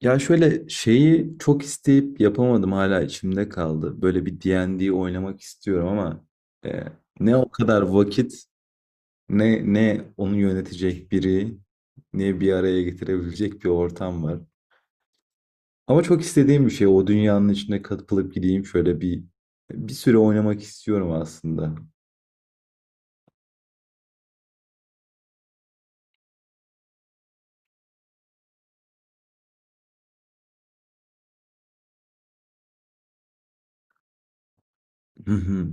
Ya şöyle şeyi çok isteyip yapamadım hala içimde kaldı. Böyle bir D&D oynamak istiyorum ama e, ne o kadar vakit ne onu yönetecek biri ne bir araya getirebilecek bir ortam var. Ama çok istediğim bir şey o dünyanın içine katılıp gideyim şöyle bir süre oynamak istiyorum aslında. Hı hı.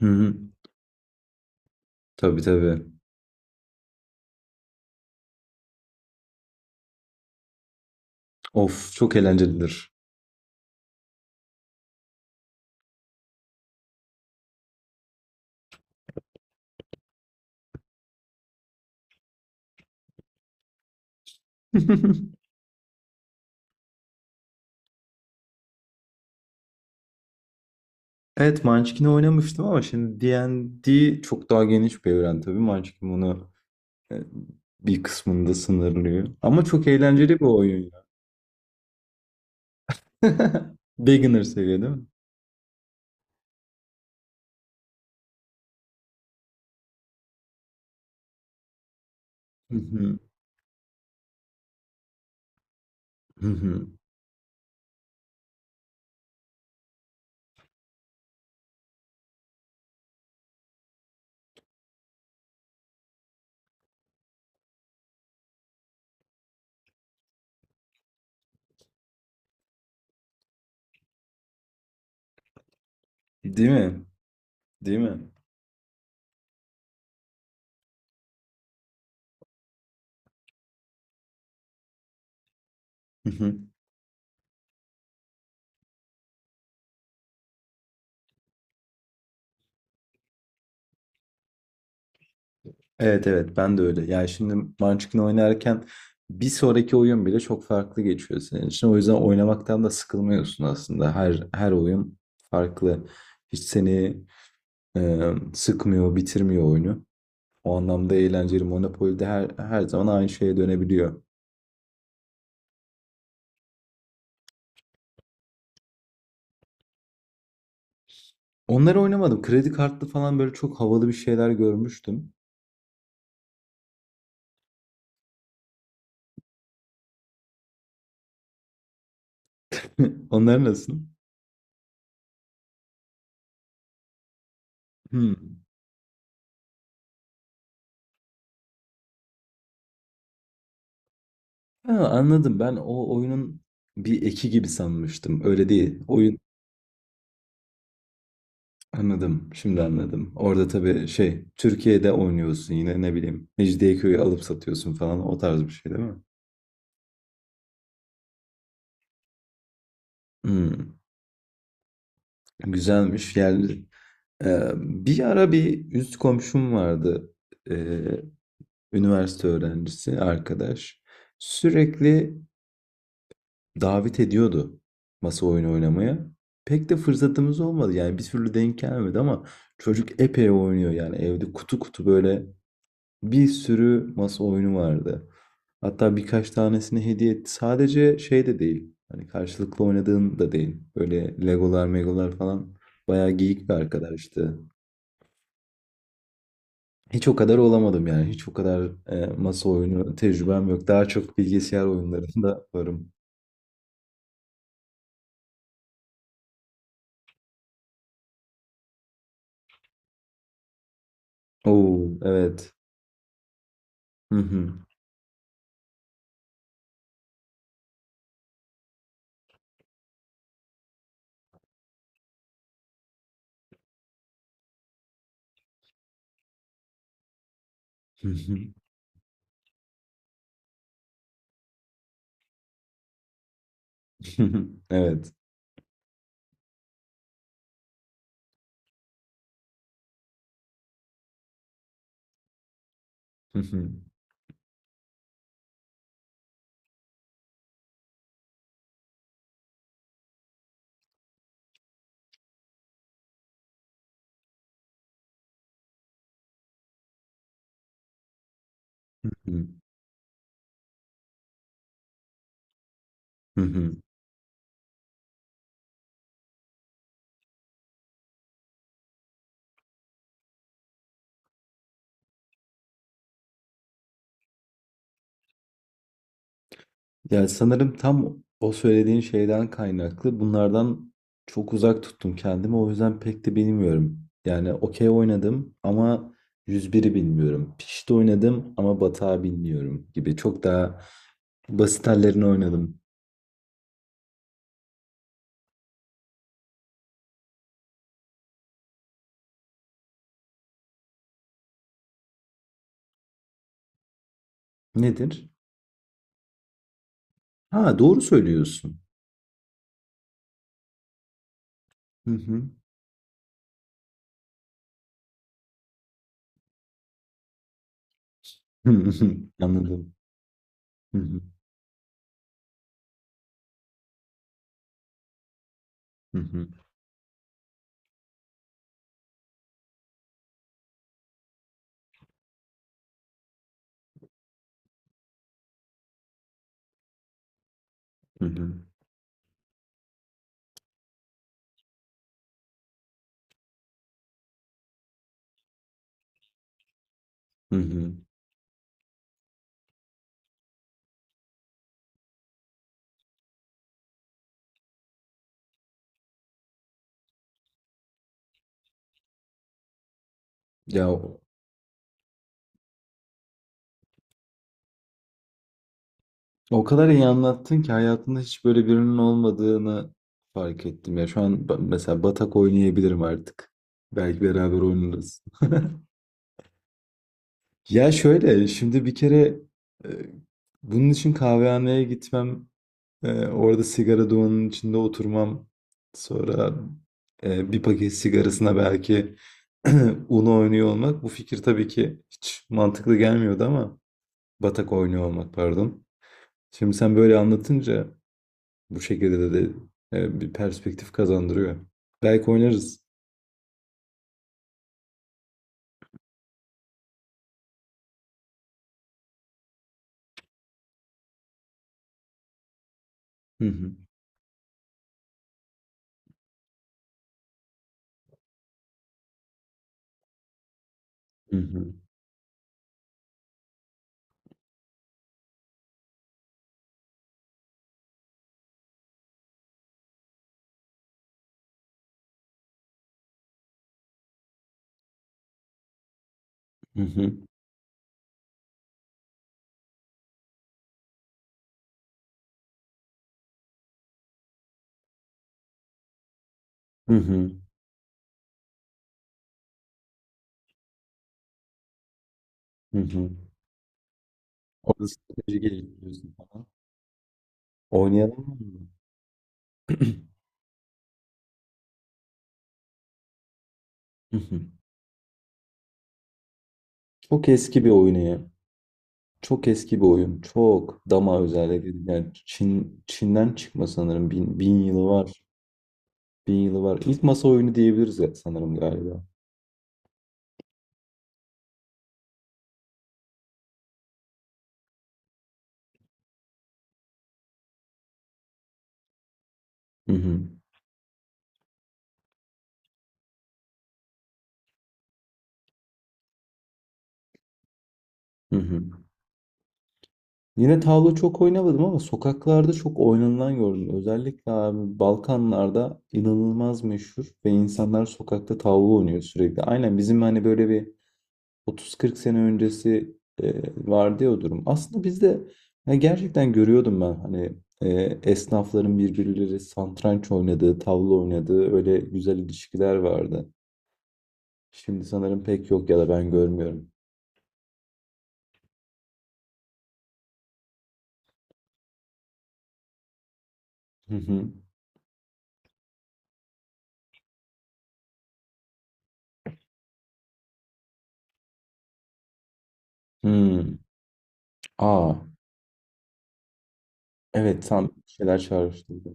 Hı hı. Tabii tabii. Of çok eğlencelidir. Evet Munchkin'i oynamıştım ama şimdi D&D çok daha geniş bir evren tabii. Munchkin bunu e, bir kısmında sınırlıyor. Ama çok eğlenceli bir oyun ya. Beginner seviye değil mi? Hı hı, hı hı. Değil mi? Değil mi? Hı hı. Evet, evet, ben de öyle. Yani şimdi Munchkin oynarken bir sonraki oyun bile çok farklı geçiyor senin için. O yüzden oynamaktan da sıkılmıyorsun aslında. Her oyun farklı. Hiç seni sıkmıyor, bitirmiyor oyunu. O anlamda eğlenceli. Monopoly'de her zaman aynı şeye dönebiliyor. Onları oynamadım. Kredi kartlı falan böyle çok havalı bir şeyler görmüştüm. Onlar nasıl? Hmm. Ha, anladım. Ben o oyunun bir eki gibi sanmıştım. Öyle değil. Oyun anladım. Şimdi anladım. Orada tabii şey Türkiye'de oynuyorsun yine ne bileyim. Mecidiyeköy'ü alıp satıyorsun falan, o tarz bir şey değil mi? Hmm, güzelmiş. Yani bir ara bir üst komşum vardı. E, Üniversite öğrencisi arkadaş sürekli davet ediyordu masa oyunu oynamaya. Pek de fırsatımız olmadı yani, bir türlü denk gelmedi, ama çocuk epey oynuyor yani, evde kutu kutu böyle bir sürü masa oyunu vardı. Hatta birkaç tanesini hediye etti. Sadece şey de değil. Hani karşılıklı oynadığın da değil. Böyle Legolar, Megolar falan, bayağı geyik bir arkadaştı. Hiç o kadar olamadım yani. Hiç o kadar masa oyunu tecrübem yok. Daha çok bilgisayar oyunlarında varım. Oo, evet. Hı hı. Hı hı. Hı hı. Evet. Hı hı. Hı hı. Hı hı. Ya sanırım tam o söylediğin şeyden kaynaklı. Bunlardan çok uzak tuttum kendimi. O yüzden pek de bilmiyorum. Yani okey oynadım ama 101'i bilmiyorum. Pişti oynadım ama batağı bilmiyorum gibi. Çok daha basit hallerini oynadım. Nedir? Ha, doğru söylüyorsun. Hı hı. Hı hı. Anladım. Hı hı. Hı hı. Hı hı. Hı hı. Ya o kadar iyi anlattın ki hayatımda hiç böyle birinin olmadığını fark ettim. Ya şu an mesela batak oynayabilirim artık. Belki beraber oynarız. Ya şöyle, şimdi bir kere e, bunun için kahvehaneye gitmem. Orada sigara dumanının içinde oturmam. Sonra bir paket sigarasına belki Uno oynuyor olmak. Bu fikir tabii ki hiç mantıklı gelmiyordu, ama batak oynuyor olmak, pardon. Şimdi sen böyle anlatınca bu şekilde de bir perspektif kazandırıyor. Belki oynarız. Hı hı. Hı hı. Hı hı. Hı hı. Hı hı. Orada strateji geliştiriyorsun falan. Oynayalım mı? Hı hı. Çok eski bir oyunu ya. Çok eski bir oyun. Çok. Dama özellikle. Yani Çin'den çıkma sanırım. Bin yılı var. Bin yılı var. İlk masa oyunu diyebiliriz ya, sanırım, galiba. Hı hı. Hı hı. Yine tavla çok oynamadım ama sokaklarda çok oynanılan gördüm. Özellikle abi Balkanlarda inanılmaz meşhur ve insanlar sokakta tavla oynuyor sürekli. Aynen bizim hani böyle bir 30-40 sene öncesi e, vardı ya o durum. Aslında bizde, ya gerçekten görüyordum ben hani, e, esnafların birbirleri satranç oynadığı, tavla oynadığı, öyle güzel ilişkiler vardı. Şimdi sanırım pek yok ya da ben görmüyorum. Hı hı. Hmm. Aa, evet, tam bir şeyler çağrıştırdı.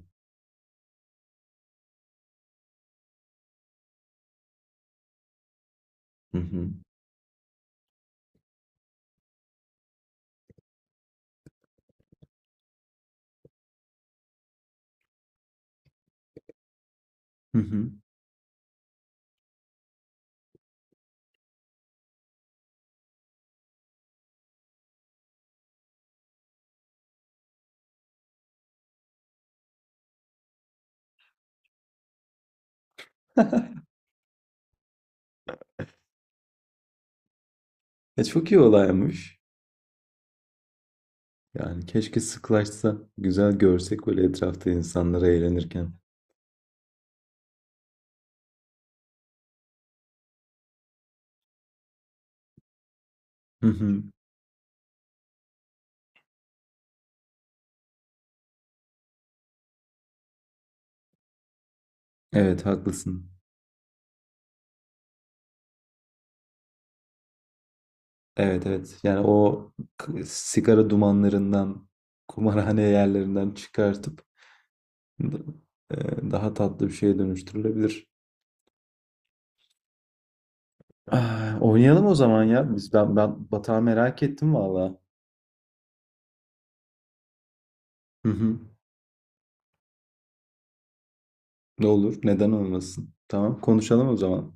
Hı hı. Hı hı. Çok iyi olaymış. Yani keşke sıklaşsa, güzel görsek böyle etrafta insanları eğlenirken. Hı hı. Evet, haklısın. Evet, evet. Yani o, sigara dumanlarından, kumarhane yerlerinden çıkartıp d- daha tatlı bir şeye dönüştürülebilir. Ah, oynayalım o zaman ya. Biz ben ben batağı merak ettim valla. Hı hı. Ne olur, neden olmasın? Tamam, konuşalım o zaman.